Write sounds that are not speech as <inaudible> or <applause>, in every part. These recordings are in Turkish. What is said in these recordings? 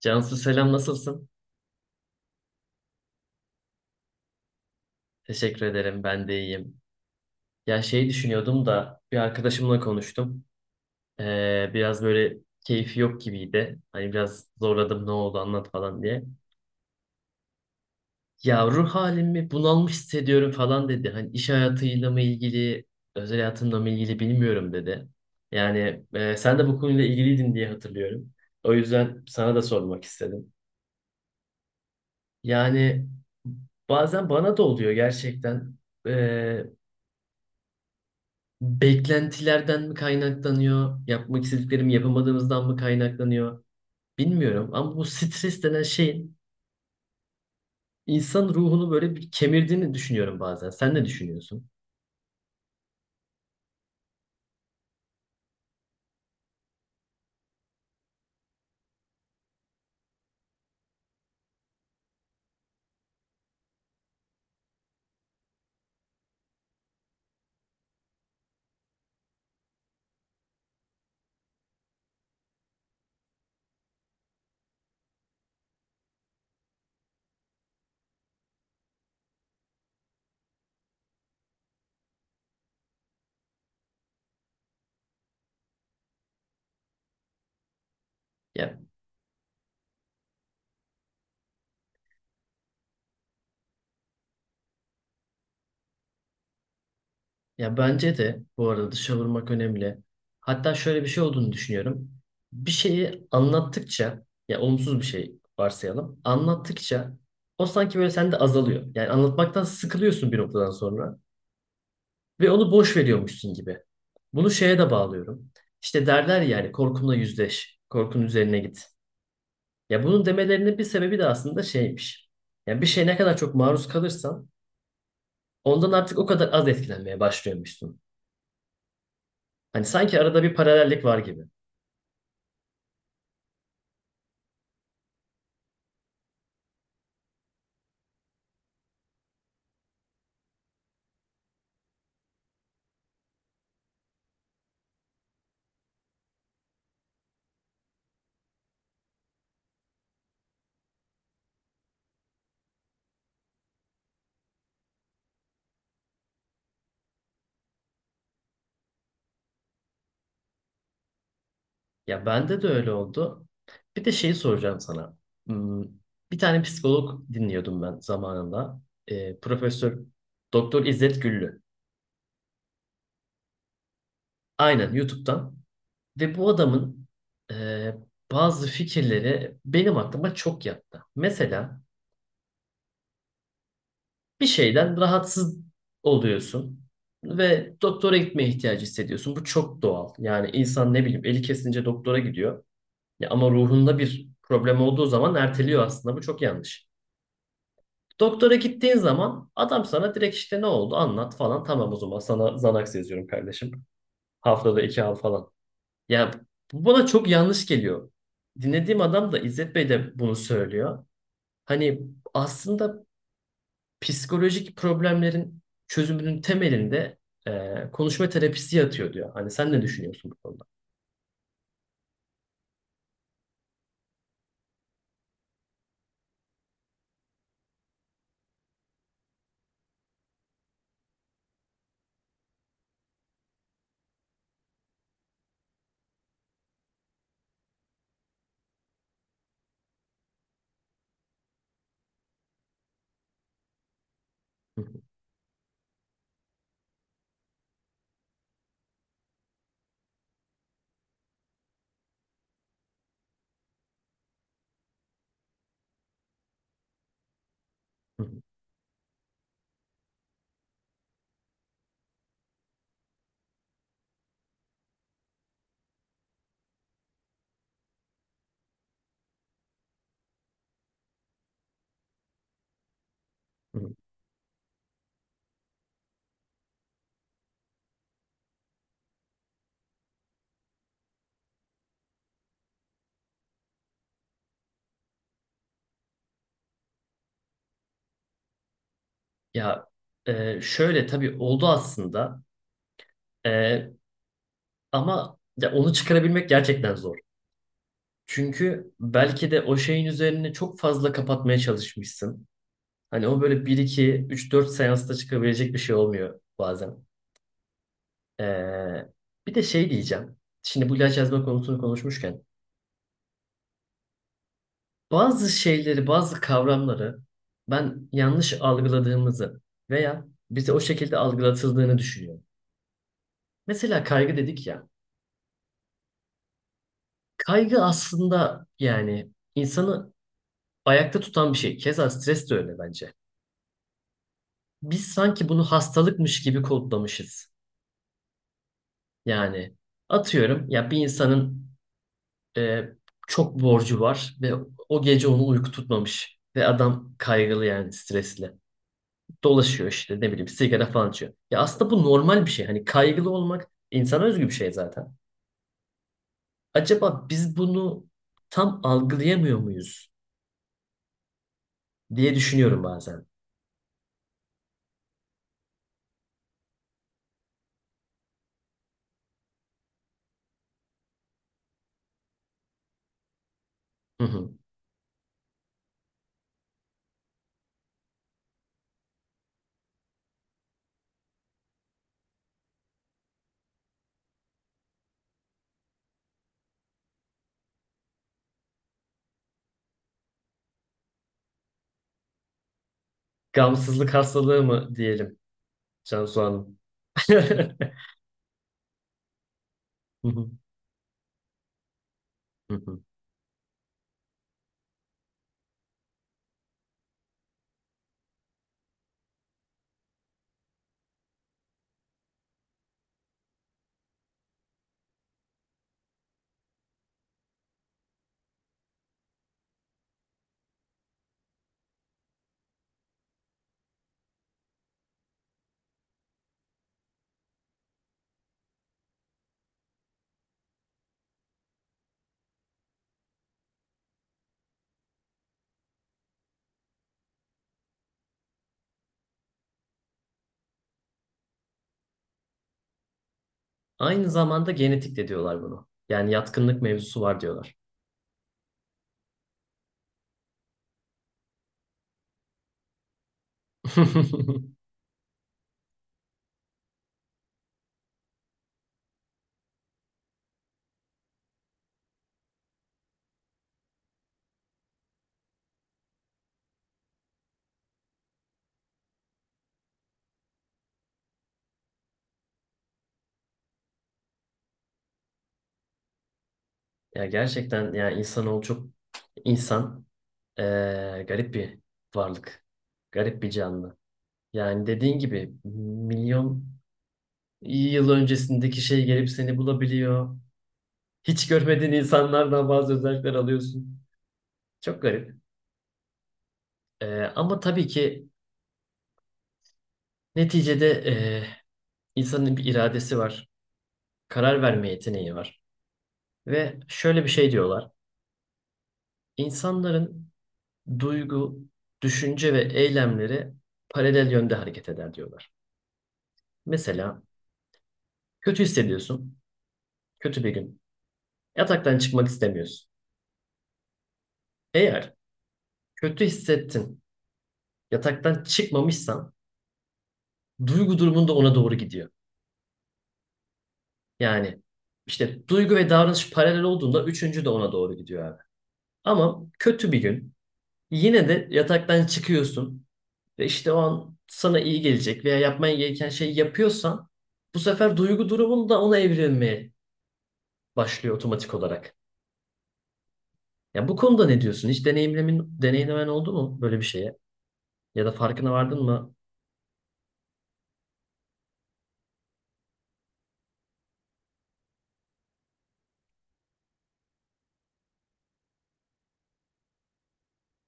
Cansu, selam, nasılsın? Teşekkür ederim, ben de iyiyim. Ya şey düşünüyordum da bir arkadaşımla konuştum. Biraz böyle keyfi yok gibiydi. Hani biraz zorladım, ne oldu anlat falan diye. Ya ruh halimi bunalmış hissediyorum falan dedi. Hani iş hayatıyla mı ilgili, özel hayatımla mı ilgili bilmiyorum dedi. Yani sen de bu konuyla ilgiliydin diye hatırlıyorum. O yüzden sana da sormak istedim. Yani bazen bana da oluyor gerçekten. Ee, beklentilerden mi kaynaklanıyor, yapmak istediklerimi yapamadığımızdan mı kaynaklanıyor bilmiyorum. Ama bu stres denen şeyin insan ruhunu böyle bir kemirdiğini düşünüyorum bazen. Sen ne düşünüyorsun? Ya, ya bence de bu arada dışa vurmak önemli. Hatta şöyle bir şey olduğunu düşünüyorum. Bir şeyi anlattıkça, ya olumsuz bir şey varsayalım, anlattıkça o sanki böyle sende azalıyor. Yani anlatmaktan sıkılıyorsun bir noktadan sonra. Ve onu boş veriyormuşsun gibi. Bunu şeye de bağlıyorum. İşte derler yani, korkunla yüzleş, korkun üzerine git. Ya bunun demelerinin bir sebebi de aslında şeymiş. Yani bir şeye ne kadar çok maruz kalırsan ondan artık o kadar az etkilenmeye başlıyormuşsun. Hani sanki arada bir paralellik var gibi. Ya bende de öyle oldu. Bir de şeyi soracağım sana. Hmm, Bir tane psikolog dinliyordum ben zamanında. Profesör Doktor İzzet Güllü. Aynen, YouTube'dan. Ve bu adamın e, bazı fikirleri benim aklıma çok yattı. Mesela bir şeyden rahatsız oluyorsun ve doktora gitmeye ihtiyacı hissediyorsun. Bu çok doğal. Yani insan, ne bileyim, eli kesince doktora gidiyor. Ya ama ruhunda bir problem olduğu zaman erteliyor aslında. Bu çok yanlış. Doktora gittiğin zaman adam sana direkt işte ne oldu anlat falan. Tamam, o zaman sana Xanax yazıyorum kardeşim. Haftada iki al falan. Ya bu bana çok yanlış geliyor. Dinlediğim adam da, İzzet Bey de bunu söylüyor. Hani aslında psikolojik problemlerin çözümünün temelinde konuşma terapisi yatıyor diyor. Hani sen ne düşünüyorsun bu konuda? Hı hı, hı hı, hı. Ya, şöyle tabii oldu aslında. E, ama ya onu çıkarabilmek gerçekten zor. Çünkü belki de o şeyin üzerine çok fazla kapatmaya çalışmışsın. Hani o böyle bir iki üç dört seansta çıkabilecek bir şey olmuyor bazen. Ee, bir de şey diyeceğim. Şimdi bu ilaç yazma konusunu konuşmuşken bazı şeyleri, bazı kavramları ben yanlış algıladığımızı veya bize o şekilde algılatıldığını düşünüyorum. Mesela kaygı dedik ya. Kaygı aslında yani insanı ayakta tutan bir şey. Keza stres de öyle bence. Biz sanki bunu hastalıkmış gibi kodlamışız. Yani atıyorum, ya bir insanın e, çok borcu var ve o gece onu uyku tutmamış. Ve adam kaygılı, yani stresli. Dolaşıyor, işte ne bileyim sigara falan içiyor. Ya aslında bu normal bir şey. Hani kaygılı olmak insana özgü bir şey zaten. Acaba biz bunu tam algılayamıyor muyuz diye düşünüyorum bazen. Hı hı. Gamsızlık hastalığı mı diyelim Cansu Hanım? <laughs> Hı hı, hı hı. Aynı zamanda genetik de diyorlar bunu. Yani yatkınlık mevzusu var diyorlar. <laughs> Ya gerçekten, yani insanoğlu çok insan, garip bir varlık. Garip bir canlı. Yani dediğin gibi milyon yıl öncesindeki şey gelip seni bulabiliyor. Hiç görmediğin insanlardan bazı özellikler alıyorsun. Çok garip. Ama tabii ki neticede insanın bir iradesi var. Karar verme yeteneği var. Ve şöyle bir şey diyorlar. İnsanların duygu, düşünce ve eylemleri paralel yönde hareket eder diyorlar. Mesela kötü hissediyorsun. Kötü bir gün. Yataktan çıkmak istemiyorsun. Eğer kötü hissettin, yataktan çıkmamışsan duygu durumun da ona doğru gidiyor. Yani işte duygu ve davranış paralel olduğunda üçüncü de ona doğru gidiyor abi. Ama kötü bir gün yine de yataktan çıkıyorsun ve işte o an sana iyi gelecek veya yapman gereken şeyi yapıyorsan bu sefer duygu durumun da ona evrilmeye başlıyor otomatik olarak. Ya bu konuda ne diyorsun? Hiç deneyimlemen oldu mu böyle bir şeye? Ya da farkına vardın mı?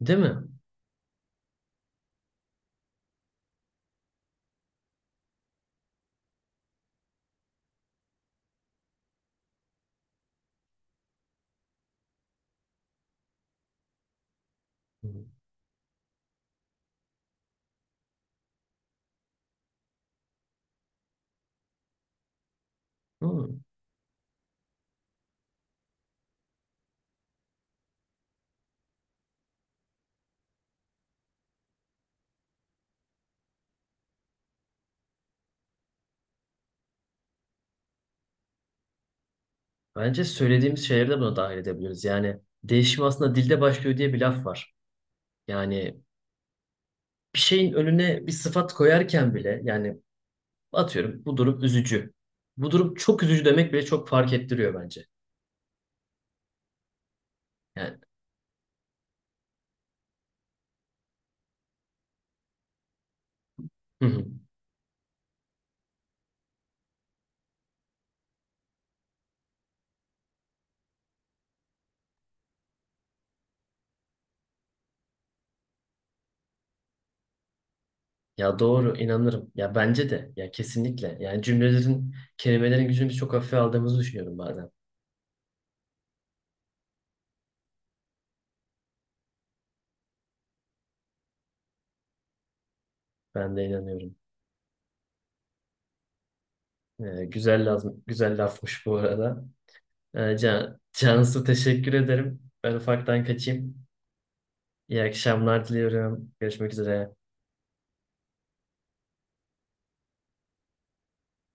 Değil mi? Hmm. Bence söylediğimiz şeyleri de buna dahil edebiliriz. Yani değişim aslında dilde başlıyor diye bir laf var. Yani bir şeyin önüne bir sıfat koyarken bile, yani atıyorum, bu durum üzücü, bu durum çok üzücü demek bile çok fark ettiriyor bence. Yani hı hı. Ya doğru, inanırım. Ya bence de. Ya kesinlikle. Yani cümlelerin, kelimelerin gücünü biz çok hafife aldığımızı düşünüyorum bazen. Ben de inanıyorum. Güzel lafmış bu arada. Cansu teşekkür ederim. Ben ufaktan kaçayım. İyi akşamlar diliyorum. Görüşmek üzere.